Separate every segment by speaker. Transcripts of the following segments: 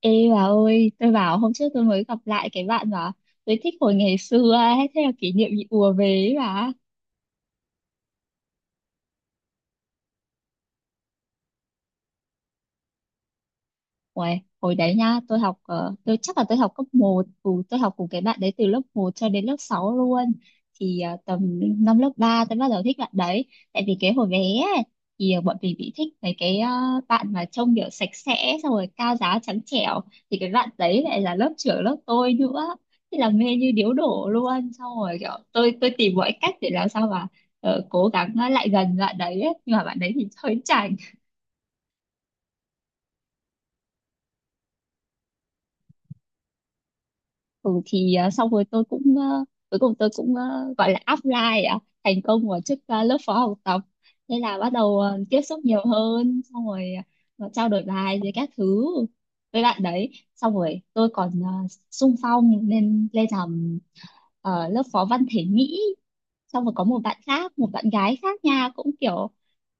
Speaker 1: Ê bà ơi, tôi bảo hôm trước tôi mới gặp lại cái bạn mà tôi thích hồi ngày xưa ấy, thế là kỷ niệm bị ùa về ấy bà. Uầy, hồi đấy nha, tôi chắc là tôi học cấp một cùng tôi học cùng cái bạn đấy từ lớp một cho đến lớp 6 luôn. Thì tầm năm lớp 3 tôi bắt đầu thích bạn đấy. Tại vì cái hồi bé ấy, thì bọn mình bị thích mấy cái bạn mà trông kiểu sạch sẽ xong rồi cao ráo trắng trẻo, thì cái bạn đấy lại là lớp trưởng lớp tôi nữa. Thế là mê như điếu đổ luôn. Xong rồi kiểu tôi tìm mọi cách để làm sao mà cố gắng lại gần bạn đấy ấy. Nhưng mà bạn đấy thì hơi chảnh. Ừ, thì, ờ, xong rồi tôi cũng, cuối cùng tôi cũng, gọi là apply, thành công vào chức, lớp phó học tập. Thế là bắt đầu tiếp xúc nhiều hơn, xong rồi trao đổi bài với các thứ với bạn đấy. Xong rồi tôi còn xung phong lên lên làm lớp phó văn thể Mỹ. Xong rồi có một bạn khác, một bạn gái khác nha, cũng kiểu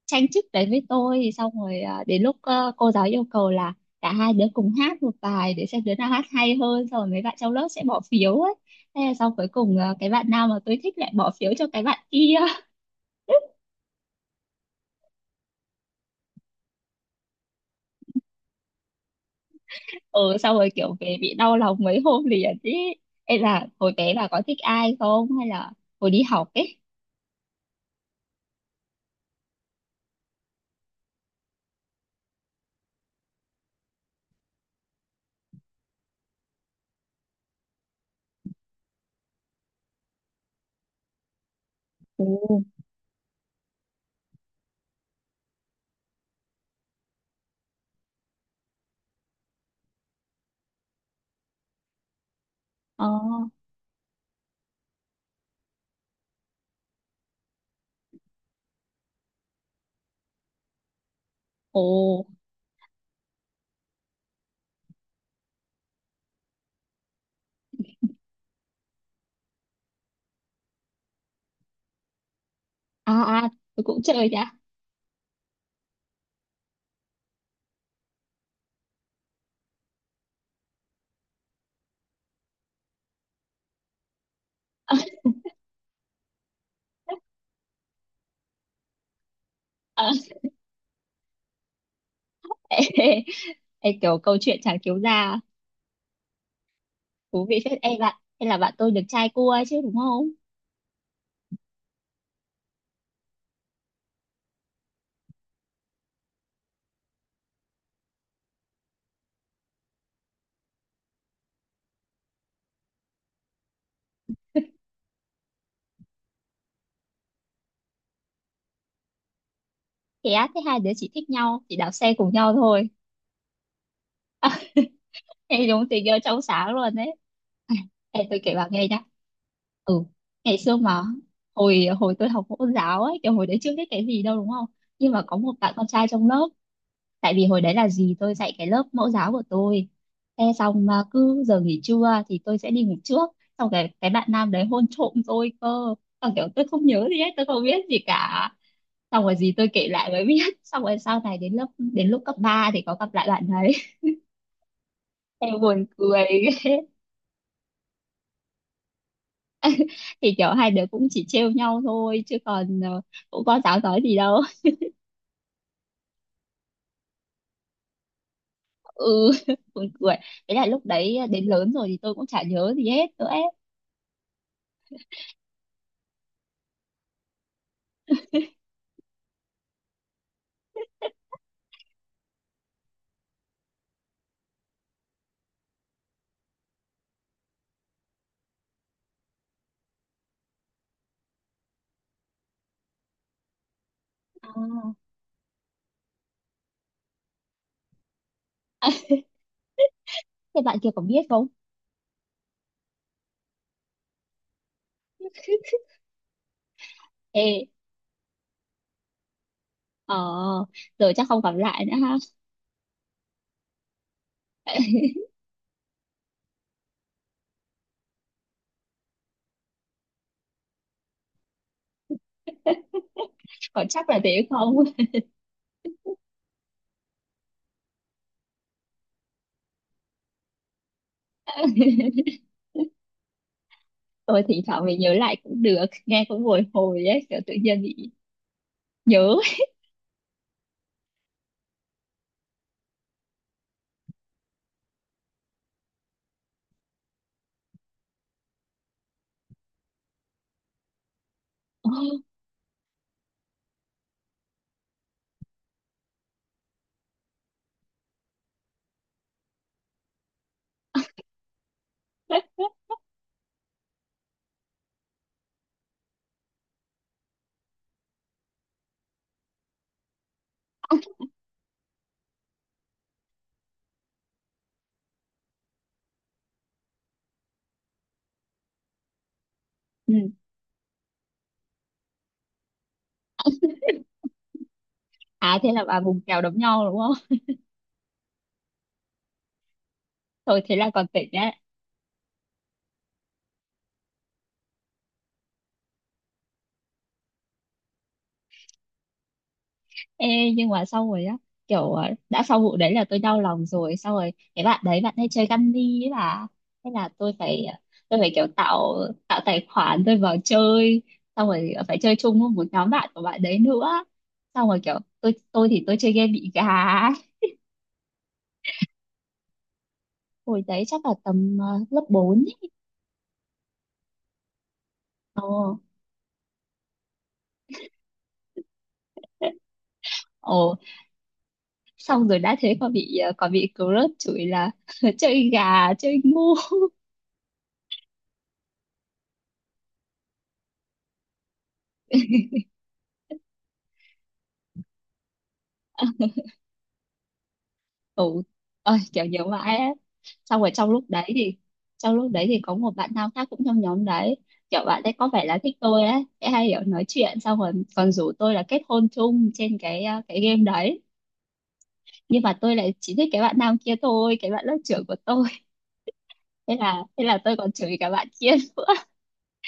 Speaker 1: tranh chức đấy với tôi. Xong rồi à, đến lúc cô giáo yêu cầu là cả hai đứa cùng hát một bài để xem đứa nào hát hay hơn, xong rồi mấy bạn trong lớp sẽ bỏ phiếu ấy. Thế là xong, cuối cùng, cái bạn nào mà tôi thích lại bỏ phiếu cho cái bạn kia. Ừ, xong rồi kiểu về bị đau lòng mấy hôm liền ý. Ê, là hồi bé là có thích ai không, hay là hồi đi học ấy? Ồ. Ờ. Ồ. À à, tôi cũng chơi nhá. Ờ. Ê, ê, ê, kiểu câu chuyện chả cứu gia thú vị phết. Ê bạn, hay là bạn tôi được trai cua chứ, đúng không? Thế á? Thế hai đứa chỉ thích nhau chỉ đạp xe cùng nhau thôi? Thế đúng tình yêu trong sáng luôn đấy. Ai, ê, tôi kể bà nghe nhá. Ừ, ngày xưa mà, hồi hồi tôi học mẫu giáo ấy, kiểu hồi đấy chưa biết cái gì đâu, đúng không? Nhưng mà có một bạn con trai trong lớp. Tại vì hồi đấy là gì, tôi dạy cái lớp mẫu giáo của tôi. Thế xong mà cứ giờ nghỉ trưa thì tôi sẽ đi ngủ trước. Xong cái bạn nam đấy hôn trộm tôi cơ. Xong kiểu tôi không nhớ gì hết, tôi không biết gì cả. Xong rồi gì tôi kể lại mới biết. Xong rồi sau này, đến lúc cấp 3 thì có gặp lại bạn đấy. Em buồn cười. Thì kiểu hai đứa cũng chỉ trêu nhau thôi chứ còn, cũng có giáo nói gì đâu. Ừ. Buồn cười. Thế là lúc đấy đến lớn rồi thì tôi cũng chả nhớ gì hết nữa ấy. À, thế bạn kia có biết không? Ê. Ờ, rồi chắc không gặp lại nữa ha. Còn chắc là thế không? Tôi thỉnh thoảng mình nhớ lại cũng được, nghe cũng bồi hồi ấy, kiểu tự nhiên bị nhớ. Ừ. À, thế là bà vùng kèo đấm nhau đúng không? Thôi thế là còn tỉnh đấy. Ê, nhưng mà sau rồi á, kiểu, đã sau vụ đấy là tôi đau lòng rồi, sau rồi cái bạn đấy bạn hay chơi Candy ấy bà. Thế là tôi phải kiểu tạo, tài khoản tôi vào chơi. Xong rồi phải chơi chung với một nhóm bạn của bạn đấy nữa. Xong rồi kiểu tôi thì tôi chơi game bị gà ấy. Hồi đấy chắc là tầm, lớp bốn ấy. Ồ. Ồ, xong rồi đã thế còn bị crush chửi là, chơi gà chơi ngu. Ừ ơi, kiểu nhớ mãi ấy. Xong rồi trong lúc đấy thì có một bạn nam khác cũng trong nhóm đấy. Kiểu bạn ấy có vẻ là thích tôi ấy, sẽ hay kiểu nói chuyện, xong rồi còn rủ tôi là kết hôn chung trên cái game đấy. Nhưng mà tôi lại chỉ thích cái bạn nam kia thôi, cái bạn lớp trưởng của tôi. Thế là tôi còn chửi cả bạn kia nữa.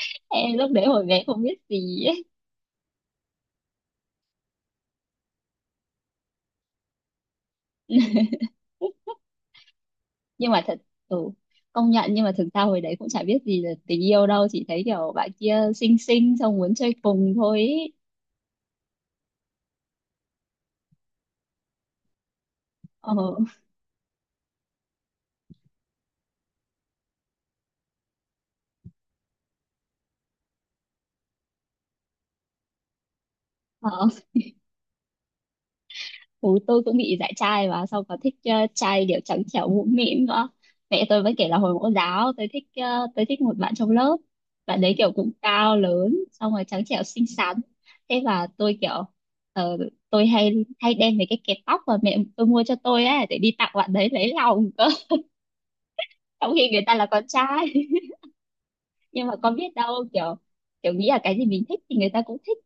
Speaker 1: Em lúc đấy hồi bé không biết gì ấy. Nhưng mà thật, ừ, công nhận, nhưng mà thực ra hồi đấy cũng chả biết gì là tình yêu đâu, chỉ thấy kiểu bạn kia xinh xinh xong muốn chơi cùng thôi ý. Ờ. Ờ, bố tôi cũng bị dạy trai và sau có thích, trai kiểu trắng trẻo mũm mĩm nữa. Mẹ tôi vẫn kể là hồi mẫu giáo tôi thích một bạn trong lớp. Bạn đấy kiểu cũng cao lớn, xong rồi trắng trẻo xinh xắn. Thế là tôi kiểu, ờ, tôi hay hay đem mấy cái kẹp tóc mà mẹ tôi mua cho tôi ấy để đi tặng bạn đấy lấy lòng cơ. Trong khi người ta là con trai. Nhưng mà con biết đâu, kiểu kiểu nghĩ là cái gì mình thích thì người ta cũng thích.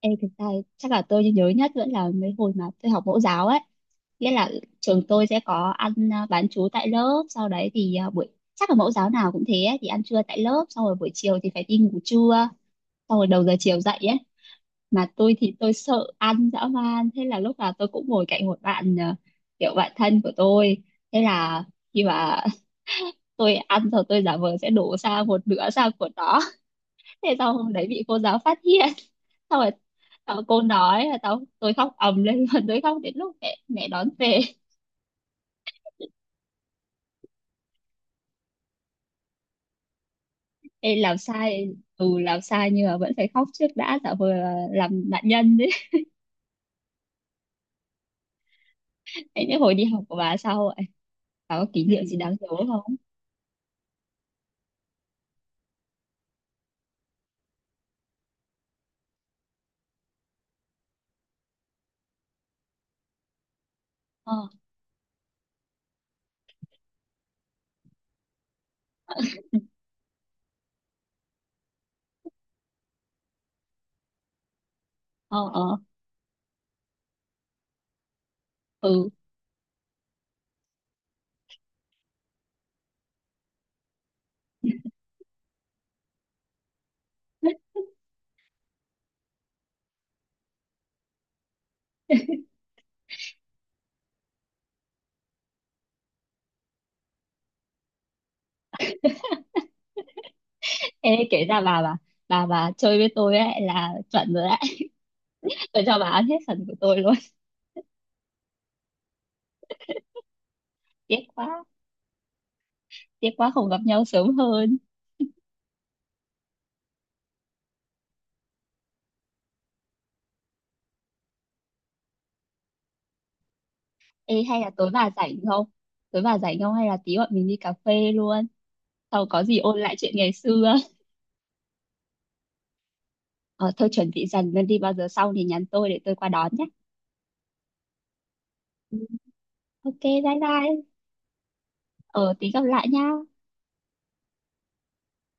Speaker 1: Ê, thực ra chắc là tôi nhớ nhất vẫn là mấy hồi mà tôi học mẫu giáo ấy, nghĩa là trường tôi sẽ có ăn, bán trú tại lớp. Sau đấy thì, à, buổi chắc là mẫu giáo nào cũng thế ấy, thì ăn trưa tại lớp, xong rồi buổi chiều thì phải đi ngủ trưa, xong rồi đầu giờ chiều dậy ấy. Mà tôi thì tôi sợ ăn dã man, thế là lúc nào tôi cũng ngồi cạnh một bạn, kiểu bạn thân của tôi. Thế là khi mà, tôi ăn rồi tôi giả vờ sẽ đổ sang một nửa sang của nó. Thế sau hôm đấy bị cô giáo phát hiện. Xong rồi cô nói là, tôi khóc ầm lên luôn, tôi khóc đến lúc mẹ mẹ đón về. Ê, làm sai. Ừ, làm sai nhưng mà vẫn phải khóc trước đã, tạo vừa làm nạn nhân đấy. Thế những hồi đi học của bà sao vậy, bà có kỷ niệm gì đáng nhớ không? Ờ. Ờ. Ờ. Ừ. Ê, kể ra bà chơi với tôi ấy là chuẩn rồi đấy. Tôi cho bà ăn hết phần của tôi luôn. Tiếc quá, tiếc quá không gặp nhau sớm hơn. Ê, hay là tối bà rảnh không? Tối bà rảnh không, hay là tí bọn mình đi cà phê luôn. Sau có gì ôn lại chuyện ngày xưa. Ờ thôi, chuẩn bị dần lên đi, bao giờ xong thì nhắn tôi để tôi qua đón nhé. Ừ. OK, bye bye. Ờ, tí gặp lại nha.